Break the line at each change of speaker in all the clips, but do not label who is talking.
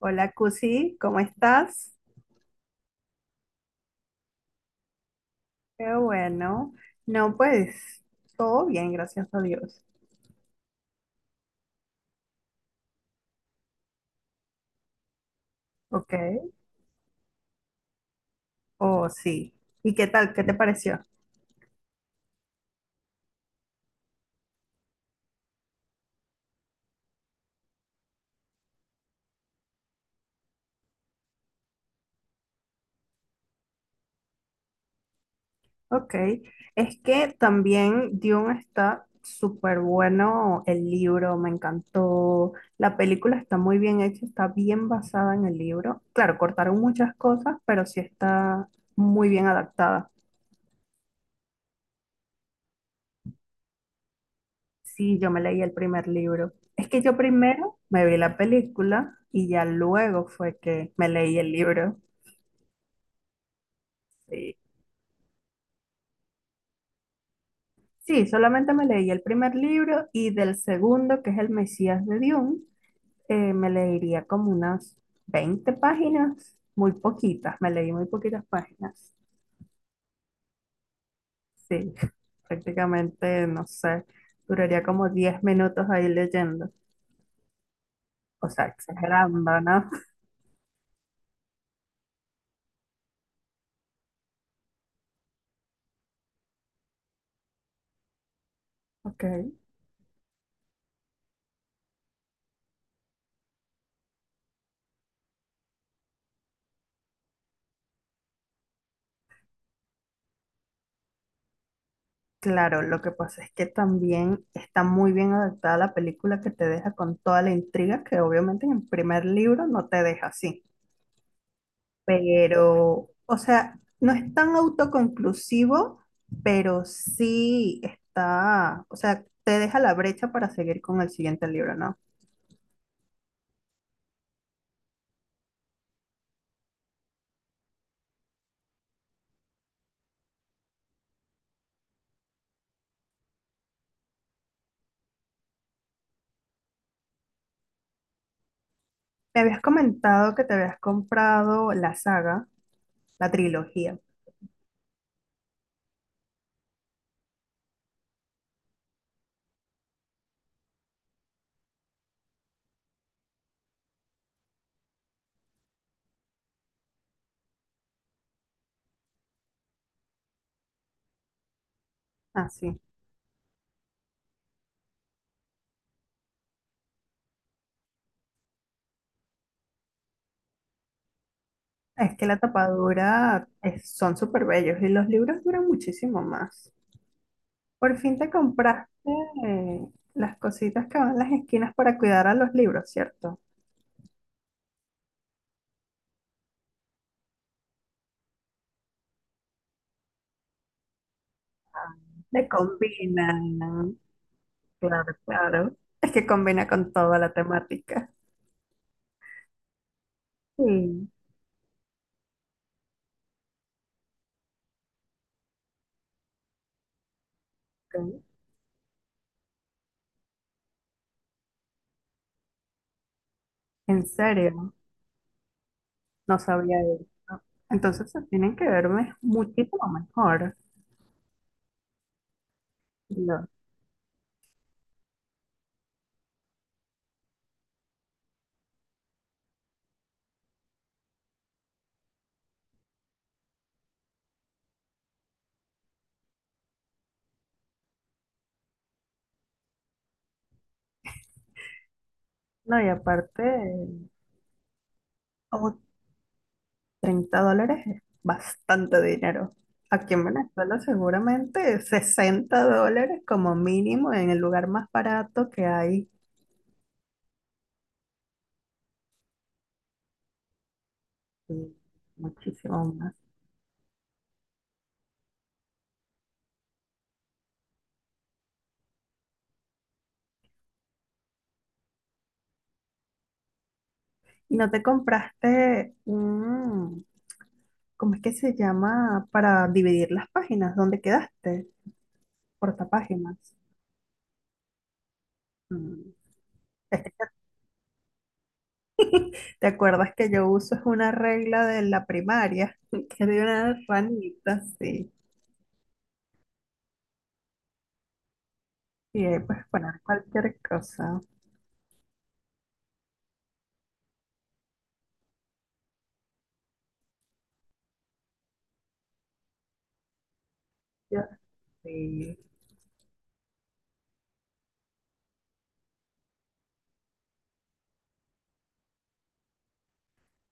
Hola, Cusi, ¿cómo estás? Qué bueno. No, pues todo bien, gracias a Dios. Ok, oh sí. ¿Y qué tal? ¿Qué te pareció? Ok, es que también Dune está súper bueno, el libro me encantó, la película está muy bien hecha, está bien basada en el libro. Claro, cortaron muchas cosas, pero sí está muy bien adaptada. Sí, yo me leí el primer libro. Es que yo primero me vi la película y ya luego fue que me leí el libro. Sí, sí, solamente me leí el primer libro y del segundo, que es El Mesías de Dune, me leería como unas 20 páginas, muy poquitas, me leí muy poquitas páginas. Sí, prácticamente, no sé, duraría como 10 minutos ahí leyendo, o sea, exagerando, ¿no? Ok. Claro, lo que pasa es que también está muy bien adaptada la película que te deja con toda la intriga que obviamente en el primer libro no te deja así. Pero, o sea, no es tan autoconclusivo, pero sí está, o sea, te deja la brecha para seguir con el siguiente libro, ¿no? Me habías comentado que te habías comprado la saga, la trilogía. Ah, sí. Es que la tapadura son súper bellos y los libros duran muchísimo más. Por fin te compraste eh, las cositas que van en las esquinas para cuidar a los libros, ¿cierto? Le combinan, claro, claro. Es que combina con toda la temática. Sí, ok. En serio, no sabía eso. Entonces se tienen que verme muchísimo mejor. No, no, y aparte, treinta dólares es bastante dinero. Aquí en Venezuela seguramente $60 como mínimo en el lugar más barato que hay. Y muchísimo más. ¿Y no te compraste un? ¿Cómo es que se llama? Para dividir las páginas. ¿Dónde quedaste? Portapáginas. Mm. ¿Te acuerdas que yo uso es una regla de la primaria? Que de una ranita, sí. Y ahí puedes poner cualquier cosa. Yo sí.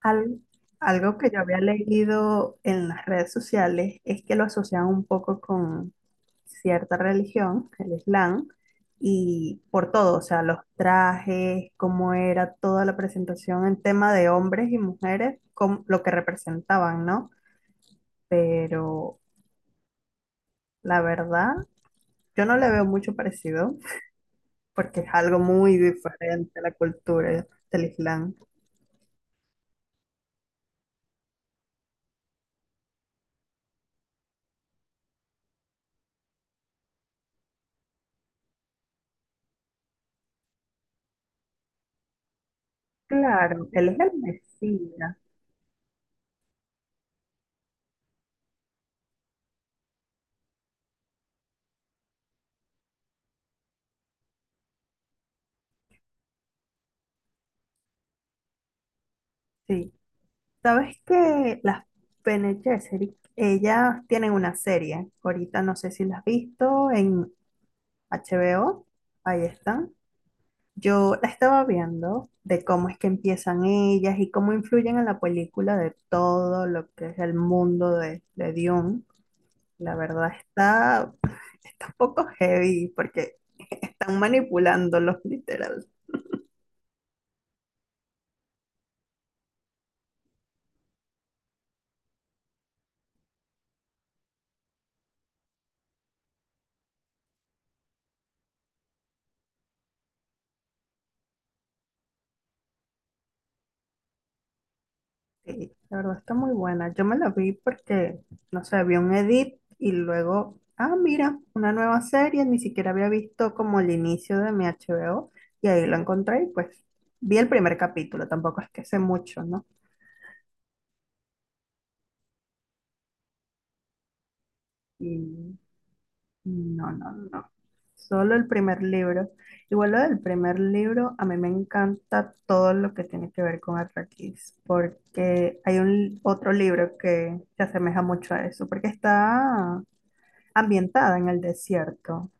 Al- algo que yo había leído en las redes sociales es que lo asocian un poco con cierta religión, el Islam, y por todo, o sea, los trajes, cómo era toda la presentación en tema de hombres y mujeres, lo que representaban, ¿no? Pero la verdad, yo no le veo mucho parecido porque es algo muy diferente a la cultura del Islam. Claro, él es el Mesías, sí. Sabes que las Bene Gesserit, ellas tienen una serie. Ahorita no sé si las has visto en HBO. Ahí están. Yo la estaba viendo de cómo es que empiezan ellas y cómo influyen en la película de todo lo que es el mundo de Dune. La verdad está un poco heavy porque están manipulándolos literal. Sí, la verdad está muy buena. Yo me la vi porque, no sé, vi un edit y luego, ah, mira, una nueva serie, ni siquiera había visto como el inicio de mi HBO y ahí lo encontré y pues vi el primer capítulo, tampoco es que sé mucho, ¿no? Y no, no, no, solo el primer libro. Igual lo del primer libro, a mí me encanta todo lo que tiene que ver con Arrakis, porque hay un otro libro que se asemeja mucho a eso, porque está ambientada en el desierto.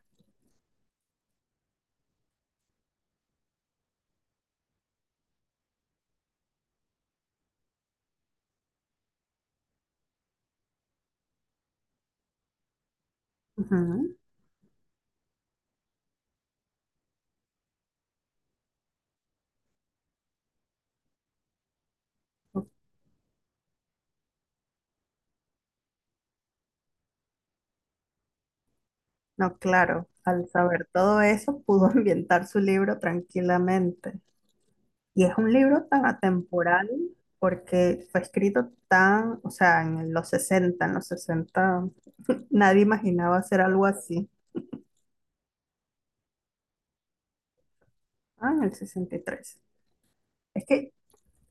Ujú. No, claro, al saber todo eso pudo ambientar su libro tranquilamente. Y es un libro tan atemporal porque fue escrito tan, o sea, en los 60 nadie imaginaba hacer algo así. Ah, en el 63. Es que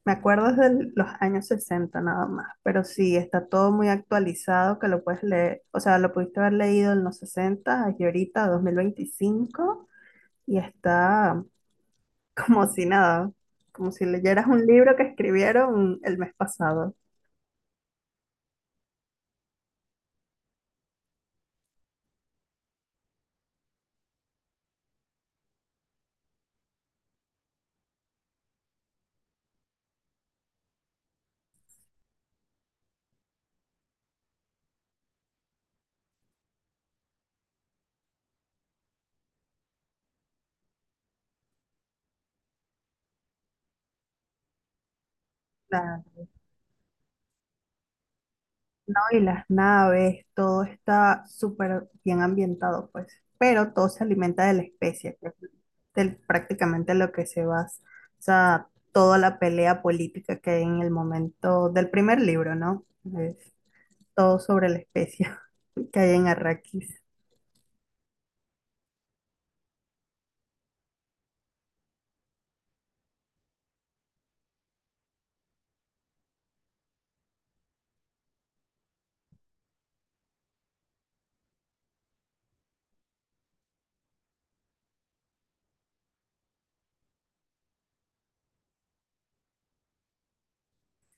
me acuerdo de los años 60 nada más, pero sí, está todo muy actualizado que lo puedes leer, o sea, lo pudiste haber leído en los 60 y ahorita 2025. Y está como si nada, como si leyeras un libro que escribieron el mes pasado. La- no, y las naves, todo está súper bien ambientado, pues. Pero todo se alimenta de la especie, que es prácticamente lo que se basa, o sea, toda la pelea política que hay en el momento del primer libro, ¿no? Es todo sobre la especie que hay en Arrakis.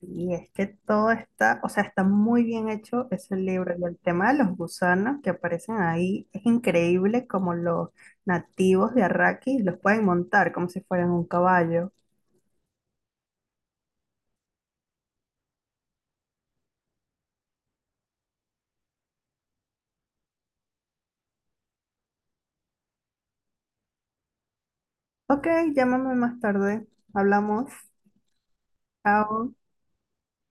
Y es que todo está, o sea, está muy bien hecho ese libro y el tema de los gusanos que aparecen ahí es increíble como los nativos de Arrakis los pueden montar como si fueran un caballo. Ok, llámame más tarde. Hablamos. Chao.